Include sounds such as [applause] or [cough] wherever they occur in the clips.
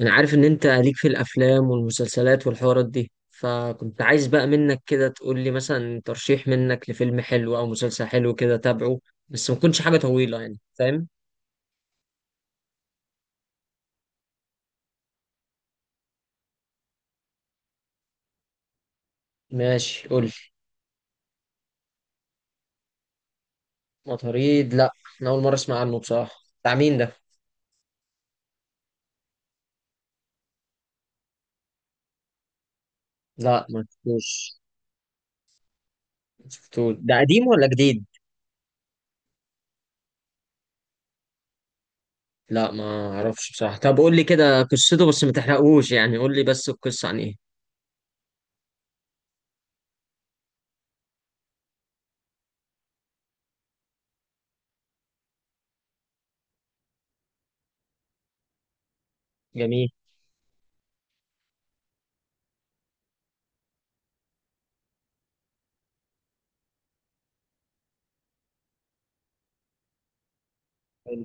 انا عارف ان انت ليك في الافلام والمسلسلات والحوارات دي، فكنت عايز بقى منك كده تقول لي مثلا ترشيح منك لفيلم حلو او مسلسل حلو كده تابعه. بس ما تكونش حاجة طويلة، يعني فاهم. ماشي قول لي. مطاريد لا، انا اول مرة اسمع عنه بصراحة. بتاع مين ده؟ لا ما شفتوش ده قديم ولا جديد؟ لا ما اعرفش بصراحة. طب قول لي كده قصته بس ما تحرقوش، يعني قول لي بس القصة عن ايه. جميل. حلو.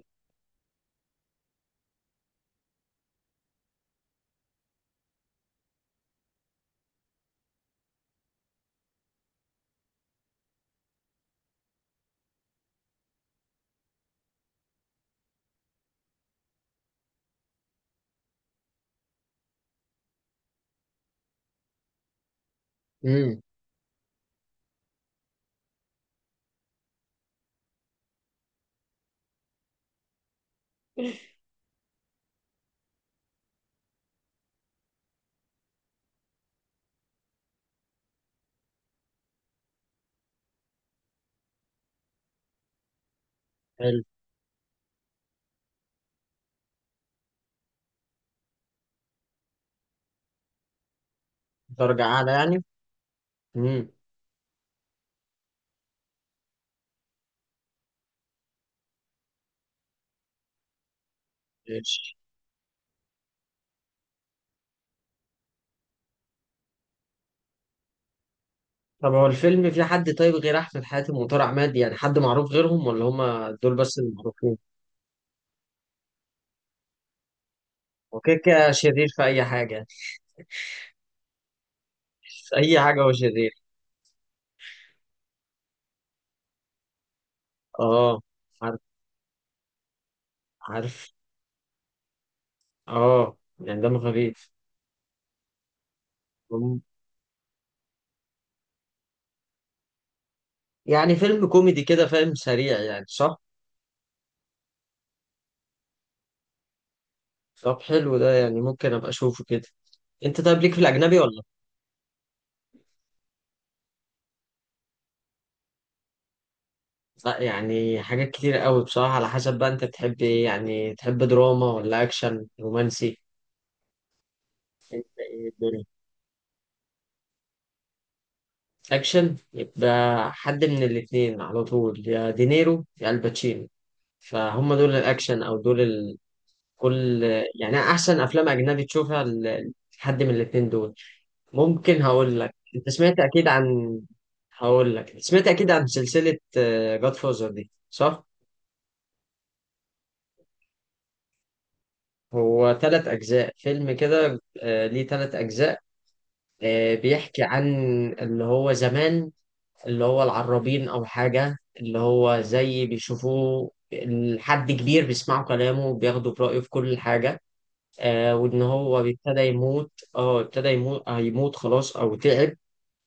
امم. حلو. درجة اعلى يعني. امم. طب هو الفيلم فيه حد طيب غير احمد حاتم وطارق عماد؟ يعني حد معروف غيرهم ولا هما دول بس اللي معروفين؟ هو كده كده شرير في اي حاجه؟ في اي حاجه هو شرير؟ اه عارف. عارف. اه يعني دمه خفيف. مم. يعني فيلم كوميدي كده فاهم، سريع، يعني صح؟ طب حلو ده، يعني ممكن ابقى اشوفه كده. انت طيب ليك في الاجنبي ولا؟ لا يعني حاجات كتير قوي بصراحه، على حسب بقى انت بتحب ايه، يعني تحب دراما ولا اكشن رومانسي. اكشن يبقى. حد من الاتنين على طول، يا دينيرو يا الباتشينو. فهم دول الاكشن او دول كل، يعني احسن افلام اجنبي تشوفها لحد من الاتنين دول. ممكن هقول لك انت سمعت اكيد عن، هقول لك سمعت اكيد عن سلسلة جاد فوزر دي، صح؟ هو تلات اجزاء فيلم كده، ليه تلات اجزاء. بيحكي عن اللي هو زمان، اللي هو العرابين أو حاجة، اللي هو زي بيشوفوه حد كبير بيسمعوا كلامه وبياخدوا برأيه في كل حاجة. وإن هو ابتدى يموت، اه ابتدى يموت هيموت خلاص أو تعب.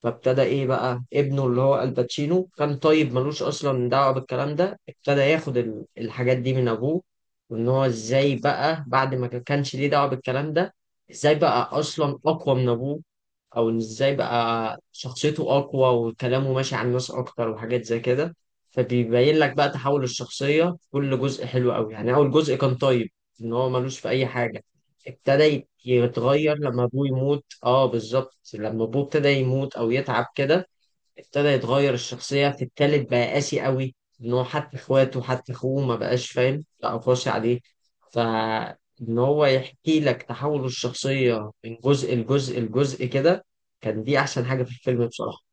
فابتدى إيه بقى ابنه اللي هو الباتشينو كان طيب ملوش أصلا دعوة بالكلام ده، ابتدى ياخد الحاجات دي من أبوه. وإن هو إزاي بقى بعد ما كانش ليه دعوة بالكلام ده، إزاي بقى أصلا أقوى من أبوه. او إن ازاي بقى شخصيته اقوى وكلامه ماشي على الناس اكتر وحاجات زي كده. فبيبين لك بقى تحول الشخصية في كل جزء، حلو قوي يعني. اول جزء كان طيب، ان هو ملوش في اي حاجة. ابتدى يتغير لما ابوه يموت، اه بالظبط لما ابوه ابتدى يموت او يتعب كده. ابتدى يتغير الشخصية في التالت، بقى قاسي قوي. ان هو حتى اخواته حتى اخوه ما بقاش فاهم، بقى قاسي عليه. فان هو يحكي لك تحول الشخصية من جزء لجزء لجزء كده. كان دي احسن حاجة في الفيلم بصراحة.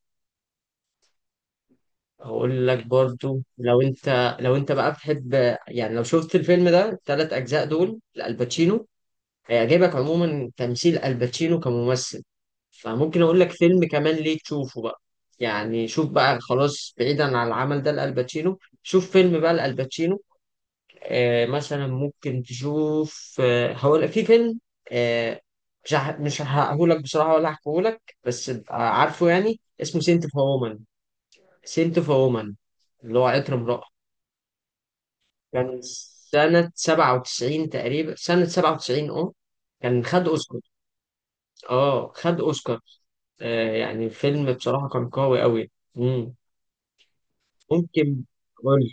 هقول لك برضو لو انت، لو انت بقى بتحب، يعني لو شفت الفيلم ده التلات اجزاء دول لألباتشينو، هيعجبك عموما تمثيل الباتشينو كممثل. فممكن اقول لك فيلم كمان ليه تشوفه بقى. يعني شوف بقى خلاص بعيدا عن العمل ده لالباتشينو، شوف فيلم بقى لالباتشينو. مثلا ممكن تشوف، هقول في فيلم، آه مش هقولك بصراحة ولا هحكيهولك، بس تبقى عارفه يعني. اسمه سنت اوف وومن. سنت اوف وومن اللي هو عطر امرأة. كان سنة 97 تقريبا، سنة 97، اه كان خد اوسكار. اه خد اوسكار. يعني الفيلم بصراحة كان قوي قوي. مم. ممكن أقول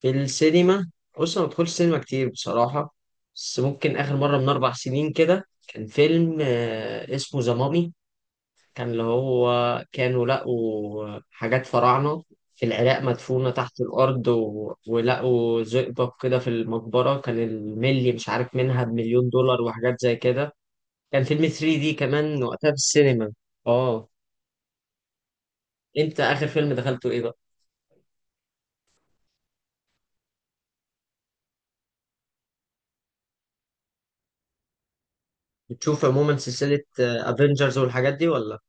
في السينما. بص أنا ما بدخلش سينما كتير بصراحة، بس ممكن آخر مرة من 4 سنين كده كان فيلم اسمه ذا مامي. كان اللي هو كانوا لقوا حاجات فراعنة في العراق مدفونة تحت الأرض ولقوا زئبق كده في المقبرة، كان الملي مش عارف منها بـ1 مليون دولار وحاجات زي كده. كان فيلم 3D كمان وقتها في السينما. اه. انت آخر فيلم دخلته ايه بقى؟ بتشوف عموما سلسلة افنجرز والحاجات دي ولا؟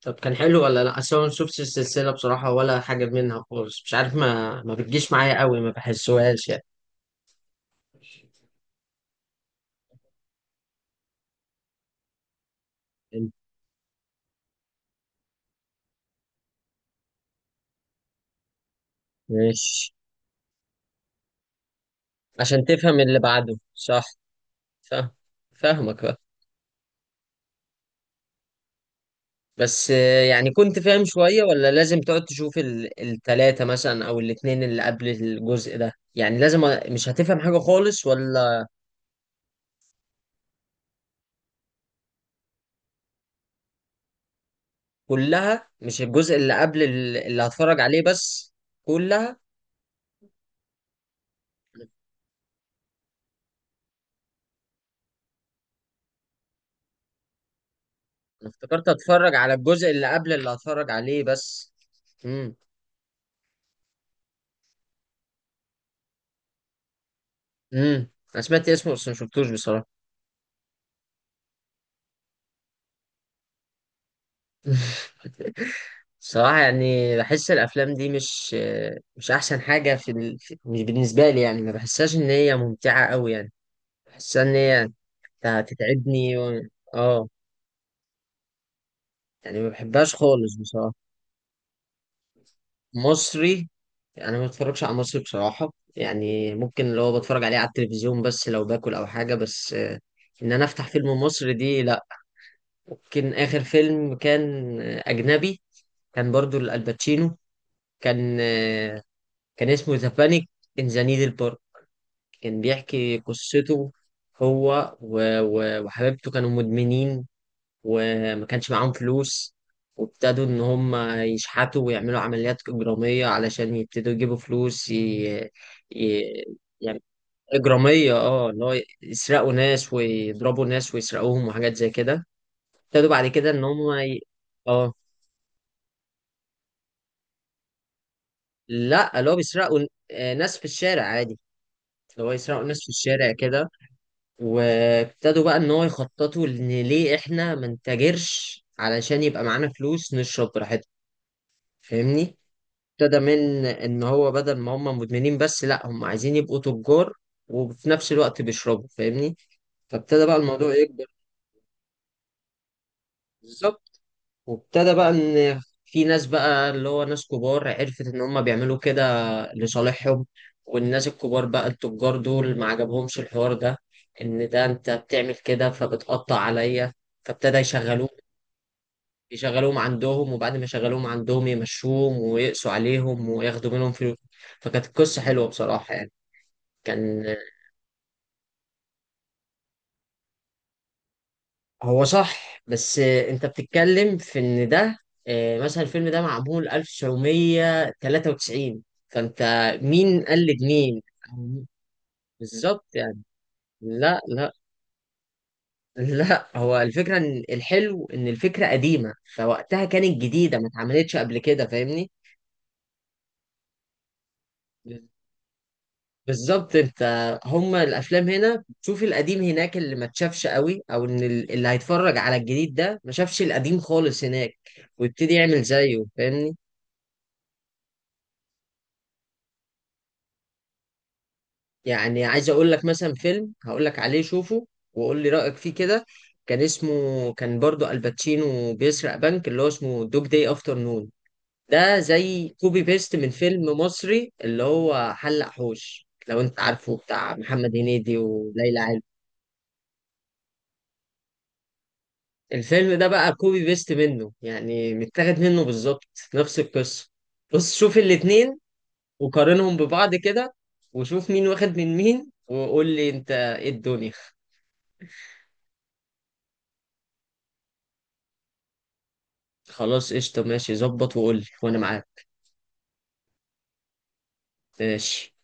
طب كان حلو ولا لا؟ اصل أنا ما شفتش السلسلة بصراحة ولا حاجة منها خالص، مش عارف، ما بتجيش معايا قوي، ما بحسوهاش يعني. ماشي. عشان تفهم اللي بعده صح. فاهم. فاهمك بقى. بس يعني كنت فاهم شوية ولا لازم تقعد تشوف التلاتة مثلا أو الاتنين اللي قبل الجزء ده، يعني لازم مش هتفهم حاجة خالص ولا؟ كلها؟ مش الجزء اللي قبل اللي هتفرج عليه بس؟ كلها. انا افتكرت اتفرج على الجزء اللي قبل اللي هتفرج عليه بس. امم. انا سمعت اسمه بس ما شفتوش بصراحه. [laughs] صراحه يعني بحس الافلام دي مش، مش احسن حاجه في، في، مش بالنسبه لي يعني، ما بحسهاش ان هي ممتعه قوي يعني. بحسها ان هي، هتتعبني و... اه يعني ما بحبهاش خالص بصراحه. مصري. انا ما بتفرجش على مصري بصراحه، يعني ممكن اللي هو بتفرج عليه على التلفزيون بس لو باكل او حاجه، بس ان انا افتح فيلم مصري دي لا. ممكن آخر فيلم كان أجنبي. كان برضو الباتشينو. كان كان اسمه ذا بانيك إن ذا نيدل بارك. كان بيحكي قصته هو وحبيبته كانوا مدمنين، وما كانش معاهم فلوس، وابتدوا إن هم يشحتوا ويعملوا عمليات إجرامية علشان يبتدوا يجيبوا فلوس ي... يعني إجرامية، اه إن هو يسرقوا ناس ويضربوا ناس ويسرقوهم وحاجات زي كده. ابتدوا بعد كده إن هم اه. لا اللي هو بيسرقوا ناس في الشارع عادي، اللي هو يسرقوا ناس في الشارع كده. وابتدوا بقى ان هو يخططوا ان ليه احنا ما نتاجرش علشان يبقى معانا فلوس نشرب براحتنا، فاهمني. ابتدى من ان هو بدل ما هم مدمنين بس لا هم عايزين يبقوا تجار، وفي نفس الوقت بيشربوا فاهمني. فابتدى بقى الموضوع يكبر. بالظبط. وابتدى بقى ان في ناس بقى اللي هو ناس كبار عرفت ان هم بيعملوا كده لصالحهم. والناس الكبار بقى التجار دول ما عجبهمش الحوار ده، ان ده انت بتعمل كده فبتقطع عليا. فابتدى يشغلوهم، يشغلوهم عندهم وبعد ما يشغلوهم عندهم يمشوهم ويقسوا عليهم وياخدوا منهم فلوس. فكانت القصة حلوة بصراحة يعني. كان، هو صح بس انت بتتكلم في ان ده، مثلا الفيلم ده معمول 1993، فانت مين قلد مين. بالظبط يعني. لا لا. [laughs] لا هو الفكرة ان الحلو ان الفكرة قديمة، فوقتها كانت جديدة ما اتعملتش قبل كده، فاهمني. بالظبط. انت هما الافلام هنا بتشوف القديم هناك اللي ما اتشافش قوي، او ان اللي هيتفرج على الجديد ده ما شافش القديم خالص هناك، ويبتدي يعمل زيه فاهمني. يعني عايز اقول لك مثلا فيلم هقول لك عليه شوفه وقول لي رأيك فيه كده. كان اسمه، كان برضو الباتشينو بيسرق بنك، اللي هو اسمه دوج داي افتر نون. ده زي كوبي بيست من فيلم مصري اللي هو حلق حوش لو انت عارفه، بتاع محمد هنيدي وليلى علوي. الفيلم ده بقى كوبي بيست منه، يعني متاخد منه بالظبط، نفس القصة. بص شوف الاتنين وقارنهم ببعض كده، وشوف مين واخد من مين وقول لي انت ايه الدنيا. خلاص قشطة، ماشي ظبط وقول لي وأنا معاك. ماشي.